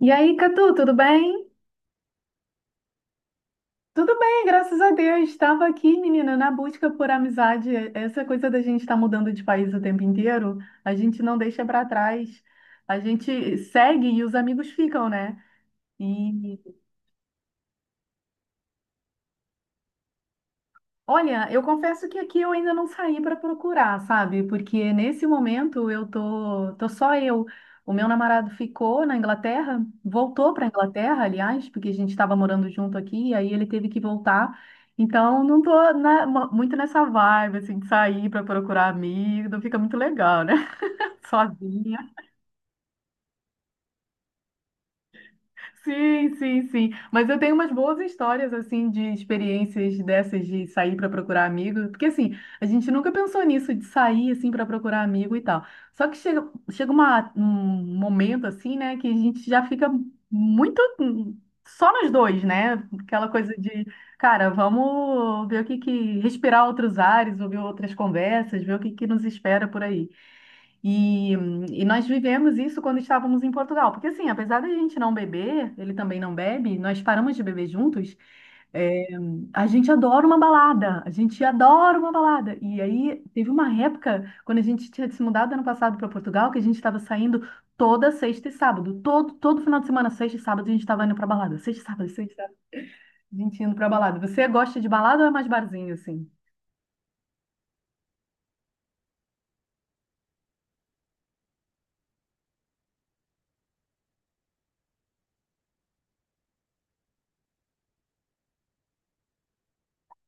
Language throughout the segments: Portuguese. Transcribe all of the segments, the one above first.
E aí, Catu, tudo bem? Tudo bem, graças a Deus. Estava aqui, menina, na busca por amizade. Essa coisa da gente estar mudando de país o tempo inteiro, a gente não deixa para trás. A gente segue e os amigos ficam, né? E Olha, eu confesso que aqui eu ainda não saí para procurar, sabe? Porque nesse momento eu tô só eu. O meu namorado ficou na Inglaterra, voltou para a Inglaterra, aliás, porque a gente estava morando junto aqui, e aí ele teve que voltar. Então não tô muito nessa vibe assim de sair para procurar amigo, não fica muito legal, né? Sozinha. Sim, sim, sim. Mas eu tenho umas boas histórias, assim, de experiências dessas de sair para procurar amigo. Porque, assim, a gente nunca pensou nisso, de sair, assim, para procurar amigo e tal. Só que chega um momento, assim, né, que a gente já fica muito, só nós dois, né? Aquela coisa de, cara, vamos ver o que que respirar outros ares, ouvir outras conversas, ver o que que nos espera por aí. E nós vivemos isso quando estávamos em Portugal, porque assim, apesar da gente não beber, ele também não bebe, nós paramos de beber juntos, é, a gente adora uma balada, a gente adora uma balada. E aí teve uma época, quando a gente tinha se mudado ano passado para Portugal, que a gente estava saindo toda sexta e sábado, todo final de semana, sexta e sábado, a gente estava indo para balada, sexta e sábado, a gente indo para balada. Você gosta de balada ou é mais barzinho assim?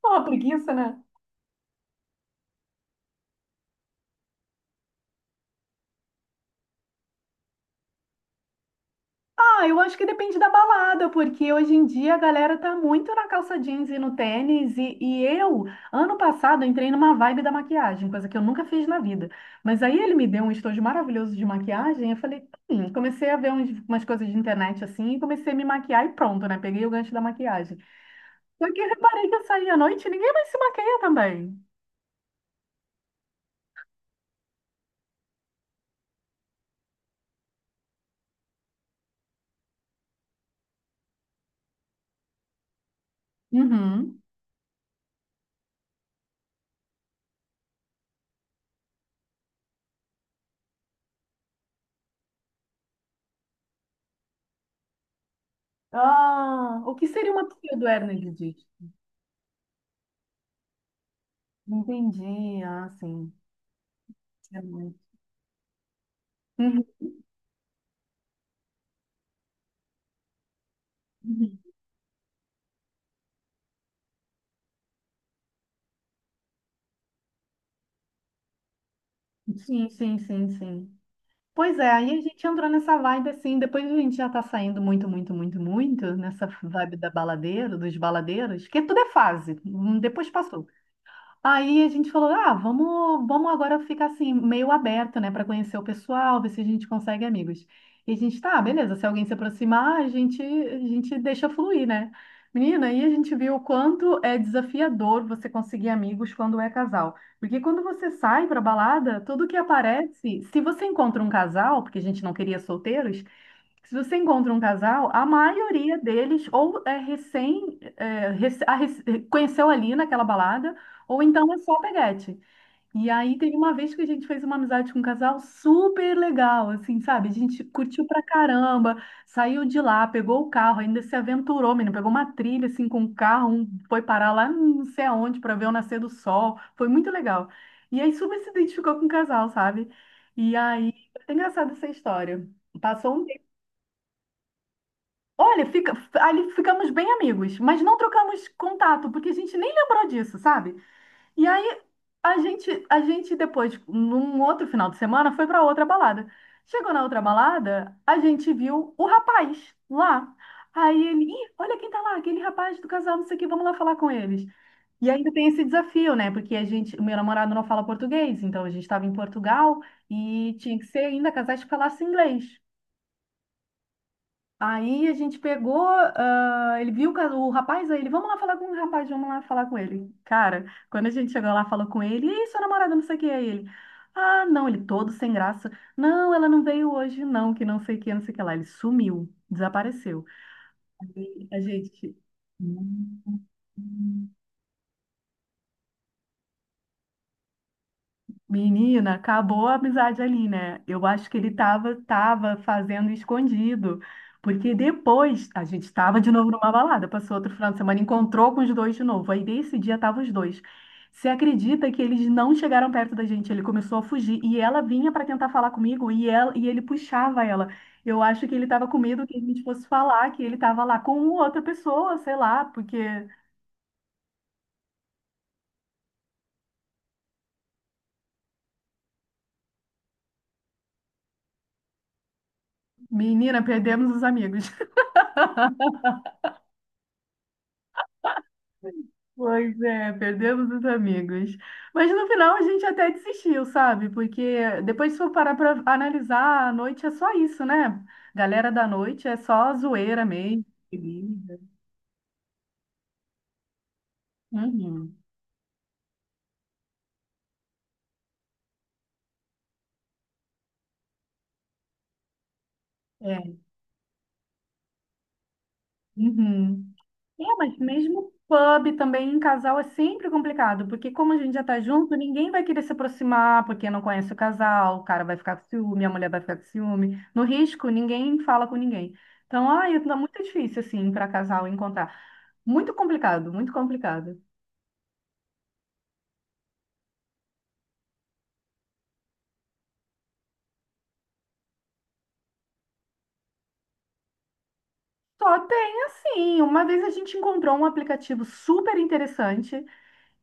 Pô, preguiça, né? Ah, eu acho que depende da balada, porque hoje em dia a galera tá muito na calça jeans e no tênis. Eu, ano passado, eu entrei numa vibe da maquiagem, coisa que eu nunca fiz na vida. Mas aí ele me deu um estojo maravilhoso de maquiagem. Eu falei, comecei a ver umas coisas de internet assim, e comecei a me maquiar e pronto, né? Peguei o gancho da maquiagem. Só que eu reparei que eu saí à noite e ninguém mais se maquia também. Uhum. Ah, o que seria uma pseudo-hernia de disco? Entendi, ah, sim. É muito. Uhum. Sim, sim, sim, sim. Pois é, aí a gente entrou nessa vibe assim, depois a gente já tá saindo muito, muito, muito, muito nessa vibe da baladeira, dos baladeiros, que tudo é fase, depois passou. Aí a gente falou, ah, vamos agora ficar assim, meio aberto, né, para conhecer o pessoal, ver se a gente consegue amigos. E a gente, tá, beleza, se alguém se aproximar, a gente deixa fluir, né? Menina, aí a gente viu o quanto é desafiador você conseguir amigos quando é casal. Porque quando você sai para balada, tudo que aparece, se você encontra um casal, porque a gente não queria solteiros, se você encontra um casal, a maioria deles ou é recém, conheceu ali naquela balada, ou então é só peguete. E aí teve uma vez que a gente fez uma amizade com um casal super legal, assim, sabe? A gente curtiu pra caramba, saiu de lá, pegou o carro, ainda se aventurou, menino, pegou uma trilha assim com o carro, um foi parar lá não sei aonde pra ver o nascer do sol. Foi muito legal. E aí super se identificou com o casal, sabe? E aí, é engraçada essa história. Passou um Olha, fica, ali ficamos bem amigos, mas não trocamos contato, porque a gente nem lembrou disso, sabe? E aí a gente depois, num outro final de semana, foi para outra balada. Chegou na outra balada, a gente viu o rapaz lá. Aí ele, ih, olha quem tá lá, aquele rapaz do casal, não sei o que, vamos lá falar com eles. E ainda tem esse desafio, né? Porque a gente, o meu namorado não fala português, então a gente estava em Portugal e tinha que ser ainda casais que falassem inglês. Aí a gente pegou, ah, ele viu o rapaz, aí ele, vamos lá falar com o rapaz, vamos lá falar com ele. Cara, quando a gente chegou lá, falou com ele, e aí, sua namorada, não sei o que, aí ele, ah, não, ele todo sem graça, não, ela não veio hoje, não, que não sei o que, não sei o que lá. Ele sumiu, desapareceu. E a gente. Menina, acabou a amizade ali, né? Eu acho que ele tava fazendo escondido. Porque depois a gente estava de novo numa balada, passou outro final de semana, encontrou com os dois de novo. Aí nesse dia estavam os dois. Você acredita que eles não chegaram perto da gente? Ele começou a fugir e ela vinha para tentar falar comigo e, e ele puxava ela. Eu acho que ele estava com medo que a gente fosse falar que ele estava lá com outra pessoa, sei lá, porque, menina, perdemos os amigos. Pois é, perdemos os amigos. Mas no final a gente até desistiu, sabe? Porque depois se for parar para analisar, a noite é só isso, né? Galera da noite é só zoeira mesmo. Bebida. Uhum. É. Uhum. É, mas mesmo pub também em casal é sempre complicado, porque como a gente já tá junto, ninguém vai querer se aproximar, porque não conhece o casal, o cara vai ficar com ciúme, a mulher vai ficar com ciúme. No risco, ninguém fala com ninguém. Então, ai, é muito difícil, assim, para casal encontrar. Muito complicado, muito complicado. Só tem assim, uma vez a gente encontrou um aplicativo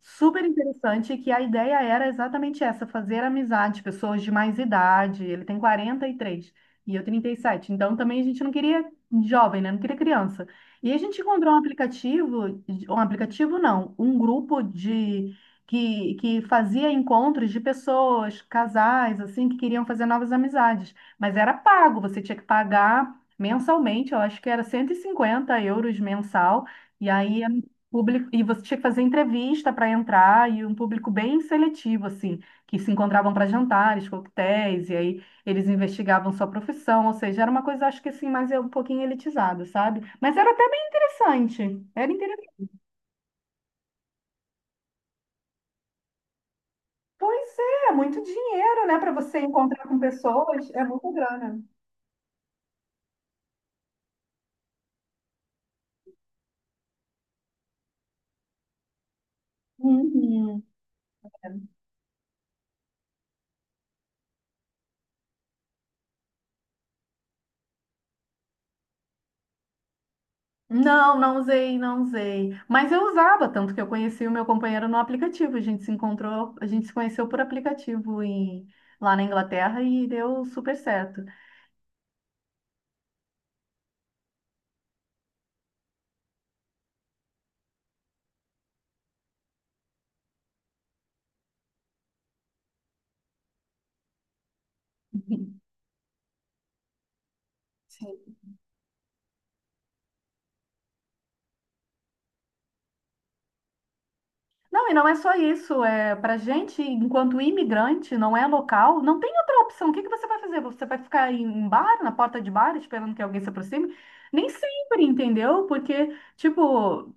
super interessante que a ideia era exatamente essa, fazer amizade, pessoas de mais idade. Ele tem 43 e eu 37. Então também a gente não queria jovem, né? Não queria criança. E a gente encontrou um aplicativo não, um grupo de que fazia encontros de pessoas, casais, assim, que queriam fazer novas amizades. Mas era pago, você tinha que pagar mensalmente, eu acho que era 150 euros mensal. E aí público e você tinha que fazer entrevista para entrar e um público bem seletivo assim, que se encontravam para jantares, coquetéis e aí eles investigavam sua profissão, ou seja, era uma coisa acho que assim mais é um pouquinho elitizada, sabe? Mas era até bem interessante. Era interessante. Pois é, muito dinheiro, né, para você encontrar com pessoas, é muita grana. Uhum. Não, não usei, não usei. Mas eu usava, tanto que eu conheci o meu companheiro no aplicativo. A gente se encontrou, a gente se conheceu por aplicativo em- lá na Inglaterra e deu super certo. Sim. Não, e não é só isso. É, para gente, enquanto imigrante, não é local, não tem outra opção. O que que você vai fazer? Você vai ficar em bar, na porta de bar, esperando que alguém se aproxime? Nem sempre, entendeu? Porque, tipo,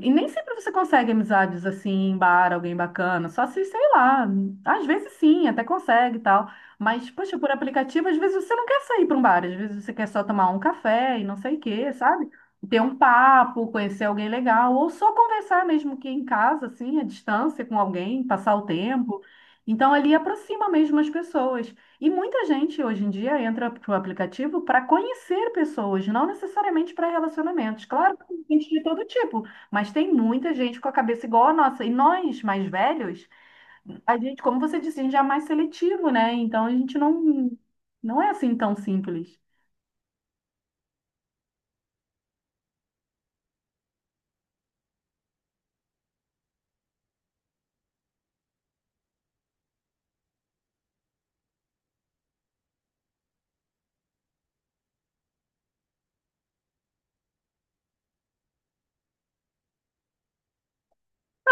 e nem sempre você consegue amizades assim em bar, alguém bacana. Só se, sei lá, às vezes sim, até consegue e tal. Mas, poxa, por aplicativo, às vezes você não quer sair para um bar, às vezes você quer só tomar um café e não sei o quê, sabe? Ter um papo, conhecer alguém legal, ou só conversar mesmo que em casa, assim, à distância com alguém, passar o tempo. Então, ali aproxima mesmo as pessoas. E muita gente hoje em dia entra para o aplicativo para conhecer pessoas, não necessariamente para relacionamentos. Claro que tem gente de todo tipo, mas tem muita gente com a cabeça igual a nossa. E nós, mais velhos, a gente, como você disse, a gente é mais seletivo, né? Então, a gente não, não é assim tão simples.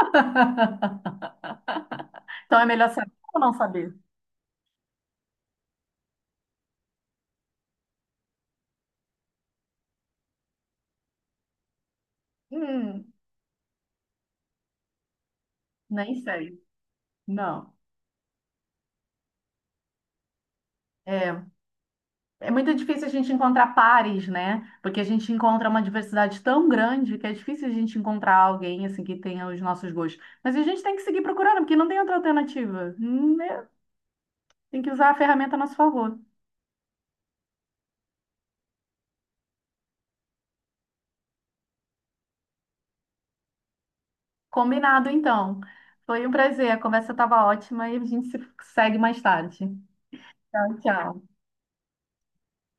Então, é melhor saber ou não saber? Hum. Nem sei. Não. É, é muito difícil a gente encontrar pares, né? Porque a gente encontra uma diversidade tão grande que é difícil a gente encontrar alguém assim que tenha os nossos gostos. Mas a gente tem que seguir procurando, porque não tem outra alternativa. Né? Tem que usar a ferramenta a nosso favor. Combinado, então. Foi um prazer. A conversa estava ótima e a gente se segue mais tarde. Tchau, tchau.